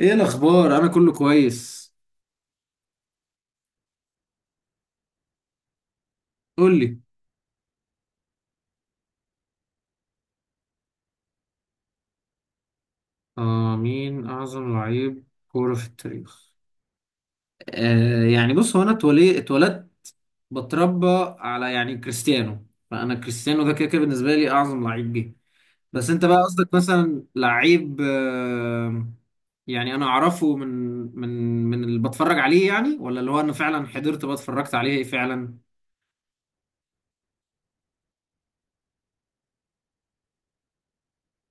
ايه الاخبار؟ انا كله كويس. قول لي. آه، مين اعظم لعيب كوره في التاريخ؟ آه، يعني بص، هو انا اتولدت، بتربى على يعني كريستيانو، فانا كريستيانو ده كده كده بالنسبه لي اعظم لعيب جه. بس انت بقى قصدك مثلا لعيب، آه، يعني انا اعرفه من من اللي بتفرج عليه يعني، ولا اللي هو انا فعلا حضرت بقى اتفرجت عليه فعلا؟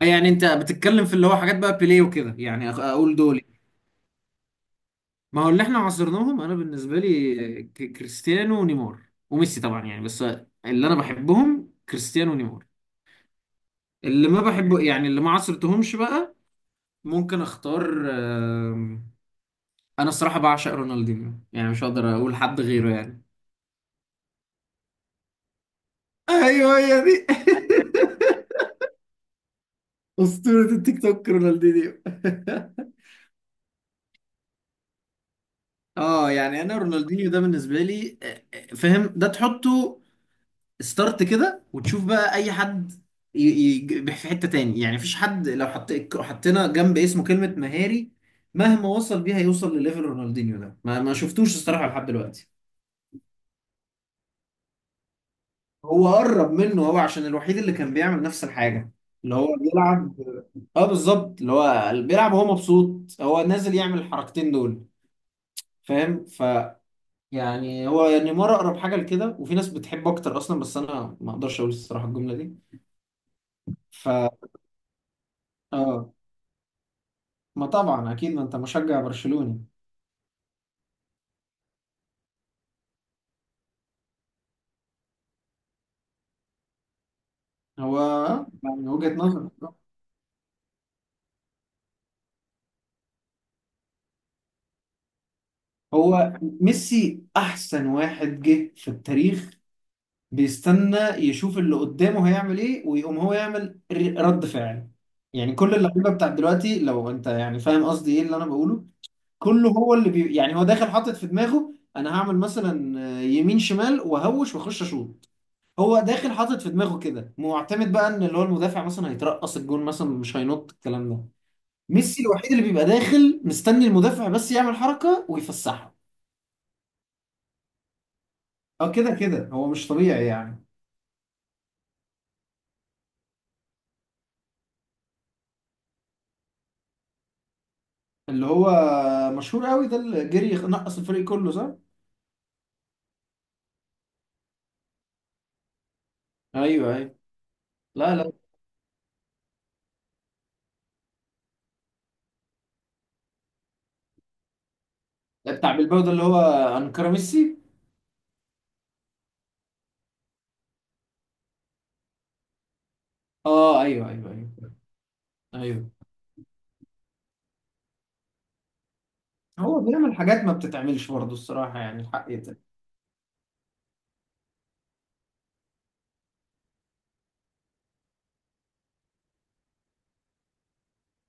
يعني انت بتتكلم في اللي هو حاجات بقى بيليه وكده، يعني اقول دول. ما هو اللي احنا عاصرناهم، انا بالنسبه لي كريستيانو ونيمار وميسي طبعا، يعني بس اللي انا بحبهم كريستيانو ونيمار. اللي ما بحبه يعني اللي ما عاصرتهمش بقى ممكن اختار، انا الصراحه بعشق رونالدينيو، يعني مش هقدر اقول حد غيره يعني. ايوه، هي دي. اسطوره التيك توك رونالدينيو. اه، يعني انا رونالدينيو ده بالنسبه لي، فاهم؟ ده تحطه ستارت كده وتشوف بقى اي حد ي- في حتة تاني، يعني مفيش حد لو حط، حطينا جنب اسمه كلمة مهاري مهما وصل بيها يوصل لليفل رونالدينيو ده، ما شفتوش الصراحة لحد دلوقتي. هو قرب منه هو، عشان الوحيد اللي كان بيعمل نفس الحاجة اللي هو بيلعب. اه بالظبط، اللي هو بيلعب وهو مبسوط، هو نازل يعمل الحركتين دول، فاهم؟ ف يعني هو نيمار اقرب حاجة لكده، وفي ناس بتحبه اكتر اصلا، بس انا ما اقدرش اقول الصراحة الجملة دي. ف اه. ما طبعا اكيد، ما انت مشجع برشلوني. هو يعني وجهة نظر. هو ميسي احسن واحد جه في التاريخ، بيستنى يشوف اللي قدامه هيعمل ايه، ويقوم هو يعمل رد فعل. يعني كل اللعيبه بتاع دلوقتي، لو انت يعني فاهم قصدي ايه اللي انا بقوله، كله هو اللي بي يعني هو داخل حاطط في دماغه انا هعمل مثلا يمين شمال وهوش واخش اشوط. هو داخل حاطط في دماغه كده، معتمد بقى ان اللي هو المدافع مثلا هيترقص الجون مثلا، مش هينط الكلام ده. ميسي الوحيد اللي بيبقى داخل مستني المدافع بس يعمل حركة ويفسحها. اه كده كده هو مش طبيعي يعني. اللي هو مشهور قوي ده، اللي جري نقص الفريق كله، صح؟ ايوه ايوه. لا، لا بتاع بلباو ده اللي هو انكر ميسي. اه ايوه ايوه ايوه. ايوه، هو بيعمل حاجات ما بتتعملش برضه الصراحة، يعني الحق يتقال.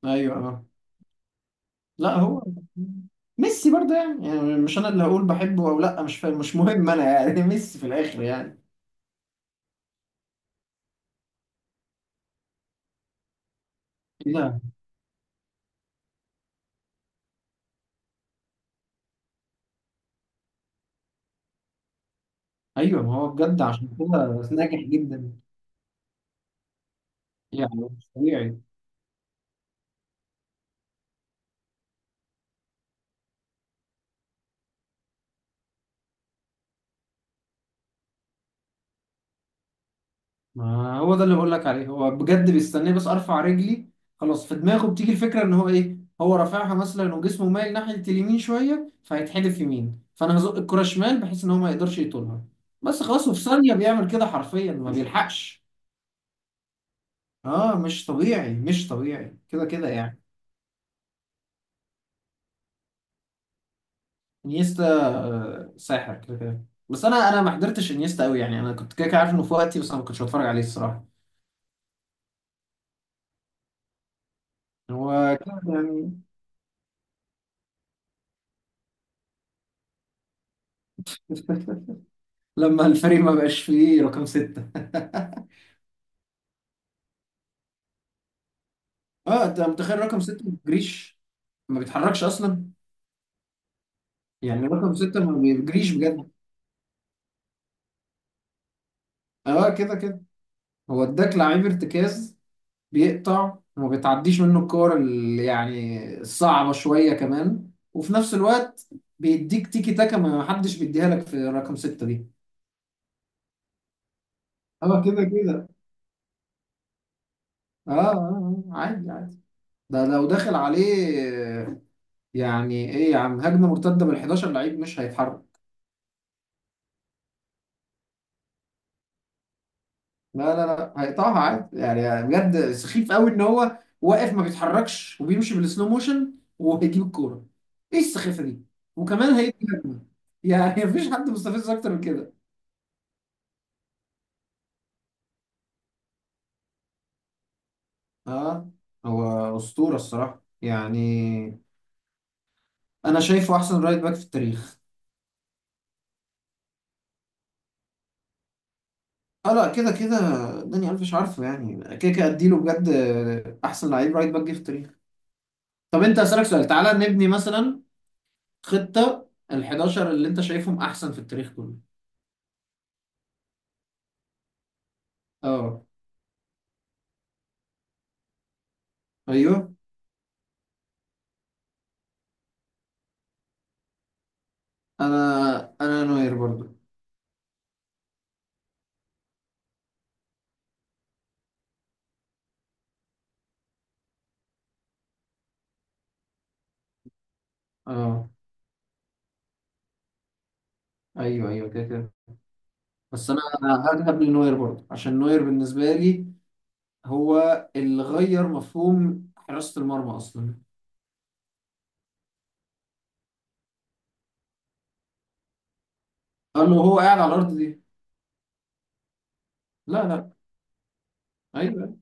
ايوه اه. لا هو ميسي برضه يعني، يعني مش انا اللي هقول بحبه او لا، مش فاهم، مش مهم انا يعني. ميسي في الاخر يعني. لا. ايوه، ما هو بجد عشان كده ناجح جدا. يعني مش طبيعي. ما هو ده اللي بقول لك عليه، هو بجد بيستناه بس ارفع رجلي، خلاص في دماغه بتيجي الفكره ان هو ايه، هو رافعها مثلا وجسمه مايل ناحيه اليمين شويه فهيتحدف يمين، فانا هزق الكره شمال بحيث ان هو ما يقدرش يطولها. بس خلاص، وفي ثانيه بيعمل كده حرفيا، ما بيلحقش. اه مش طبيعي، مش طبيعي كده كده يعني. انيستا آه، ساحر كده كده، بس انا ما حضرتش انيستا قوي يعني. انا كنت كده كده عارف انه في وقتي، بس انا ما كنتش بتفرج عليه الصراحه. هو كده يعني. لما الفريق ما بقاش فيه رقم ستة. اه، انت متخيل رقم ستة ما بيجريش؟ ما بيتحركش اصلا. يعني رقم ستة ما بيجريش بجد. اه كده كده، هو اداك لعيب ارتكاز بيقطع وما بتعديش منه الكور اللي يعني الصعبة شوية، كمان وفي نفس الوقت بيديك تيكي تاكا ما حدش بيديها لك في رقم ستة دي. اه كده كده. اه، آه، آه، عادي عادي. ده لو داخل عليه، يعني ايه يا عم، هجمة مرتدة بال 11 لعيب مش هيتحرك. لا لا لا، هيقطعها عادي يعني. بجد سخيف قوي ان هو واقف ما بيتحركش وبيمشي بالسلو موشن وهيجيب الكوره. ايه السخافه دي؟ وكمان هيدي هجمه، يعني. مفيش حد مستفز اكتر من كده. اه، هو اسطوره الصراحه يعني. انا شايفه احسن رايت باك في التاريخ. اه، لا كده كده، داني الفيش عارفه يعني كده كده، اديله بجد احسن لعيب رايت باك جه في التاريخ. طب انت اسالك سؤال، تعالى نبني مثلا خطه ال 11 اللي انت شايفهم احسن في التاريخ كله. اه. ايوه، انا نوير برضو. اه ايوه ايوه كده كده. بس انا هذهب لنوير برضو، عشان نوير بالنسبه لي هو اللي غير مفهوم حراسه المرمى اصلا. قال له هو قاعد على الارض دي. لا لا. ايوه.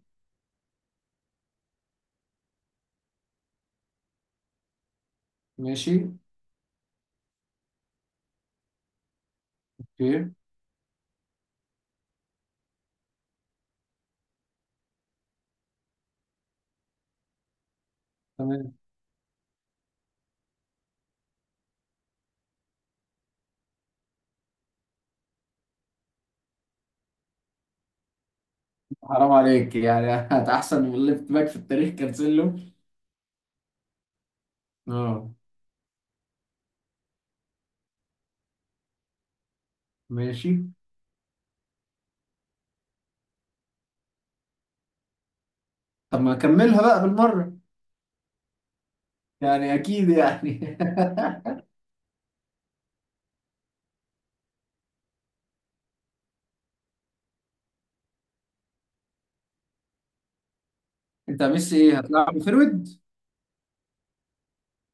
ماشي. اوكي. تمام. حرام عليك يعني. هت احسن من الليفت باك في التاريخ كانسيلو؟ اه. ماشي. طب ما اكملها بقى بالمره، يعني اكيد يعني. انت ميسي ايه، هتلعب فيرويد؟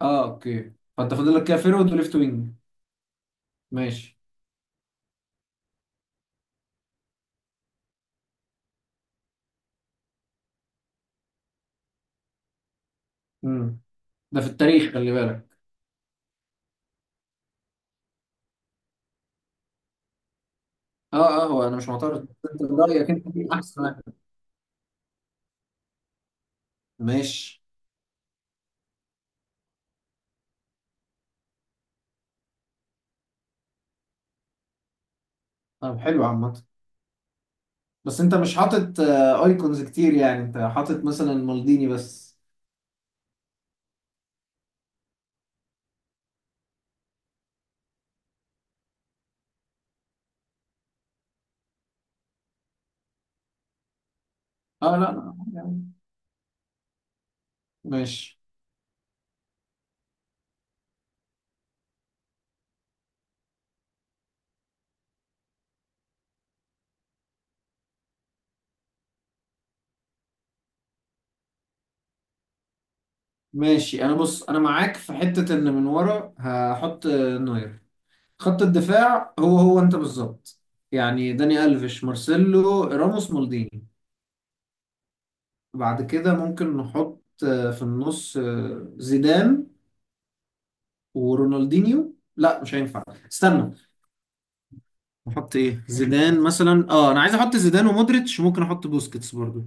اه اوكي، فانت فاضل لك كده فيرويد وليفت وينج. ماشي. امم، ده في التاريخ خلي بالك. اه اه، هو انا مش معترض. انت رايك انت مين احسن واحد؟ ماشي. طب حلو عامة، بس انت مش حاطط آه، ايكونز كتير، يعني انت حاطط مثلا مالديني بس. اه لا لا يعني. ماشي. ماشي، انا بص انا معاك في حتة ان من ورا هحط آه، نوير. خط الدفاع هو انت بالظبط، يعني داني الفيش مارسيلو راموس مالديني. بعد كده ممكن نحط آه، في النص آه، زيدان ورونالدينيو. لا مش هينفع، استنى. نحط ايه؟ زيدان مثلا، اه انا عايز احط زيدان ومودريتش، ممكن احط بوسكيتس برضو.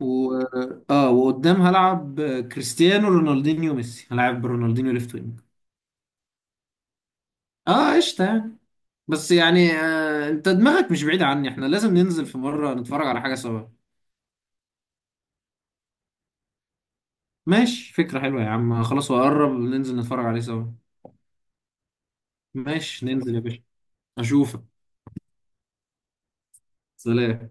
و اه، وقدام هلعب كريستيانو رونالدينيو ميسي، هلعب برونالدينيو ليفت وينج. اه قشطة يعني. بس يعني آه، انت دماغك مش بعيدة عني، احنا لازم ننزل في مرة نتفرج على حاجة سوا. ماشي فكرة حلوة يا عم، خلاص وقرب ننزل نتفرج عليه سوا. ماشي، ننزل يا باشا. اشوفك. سلام.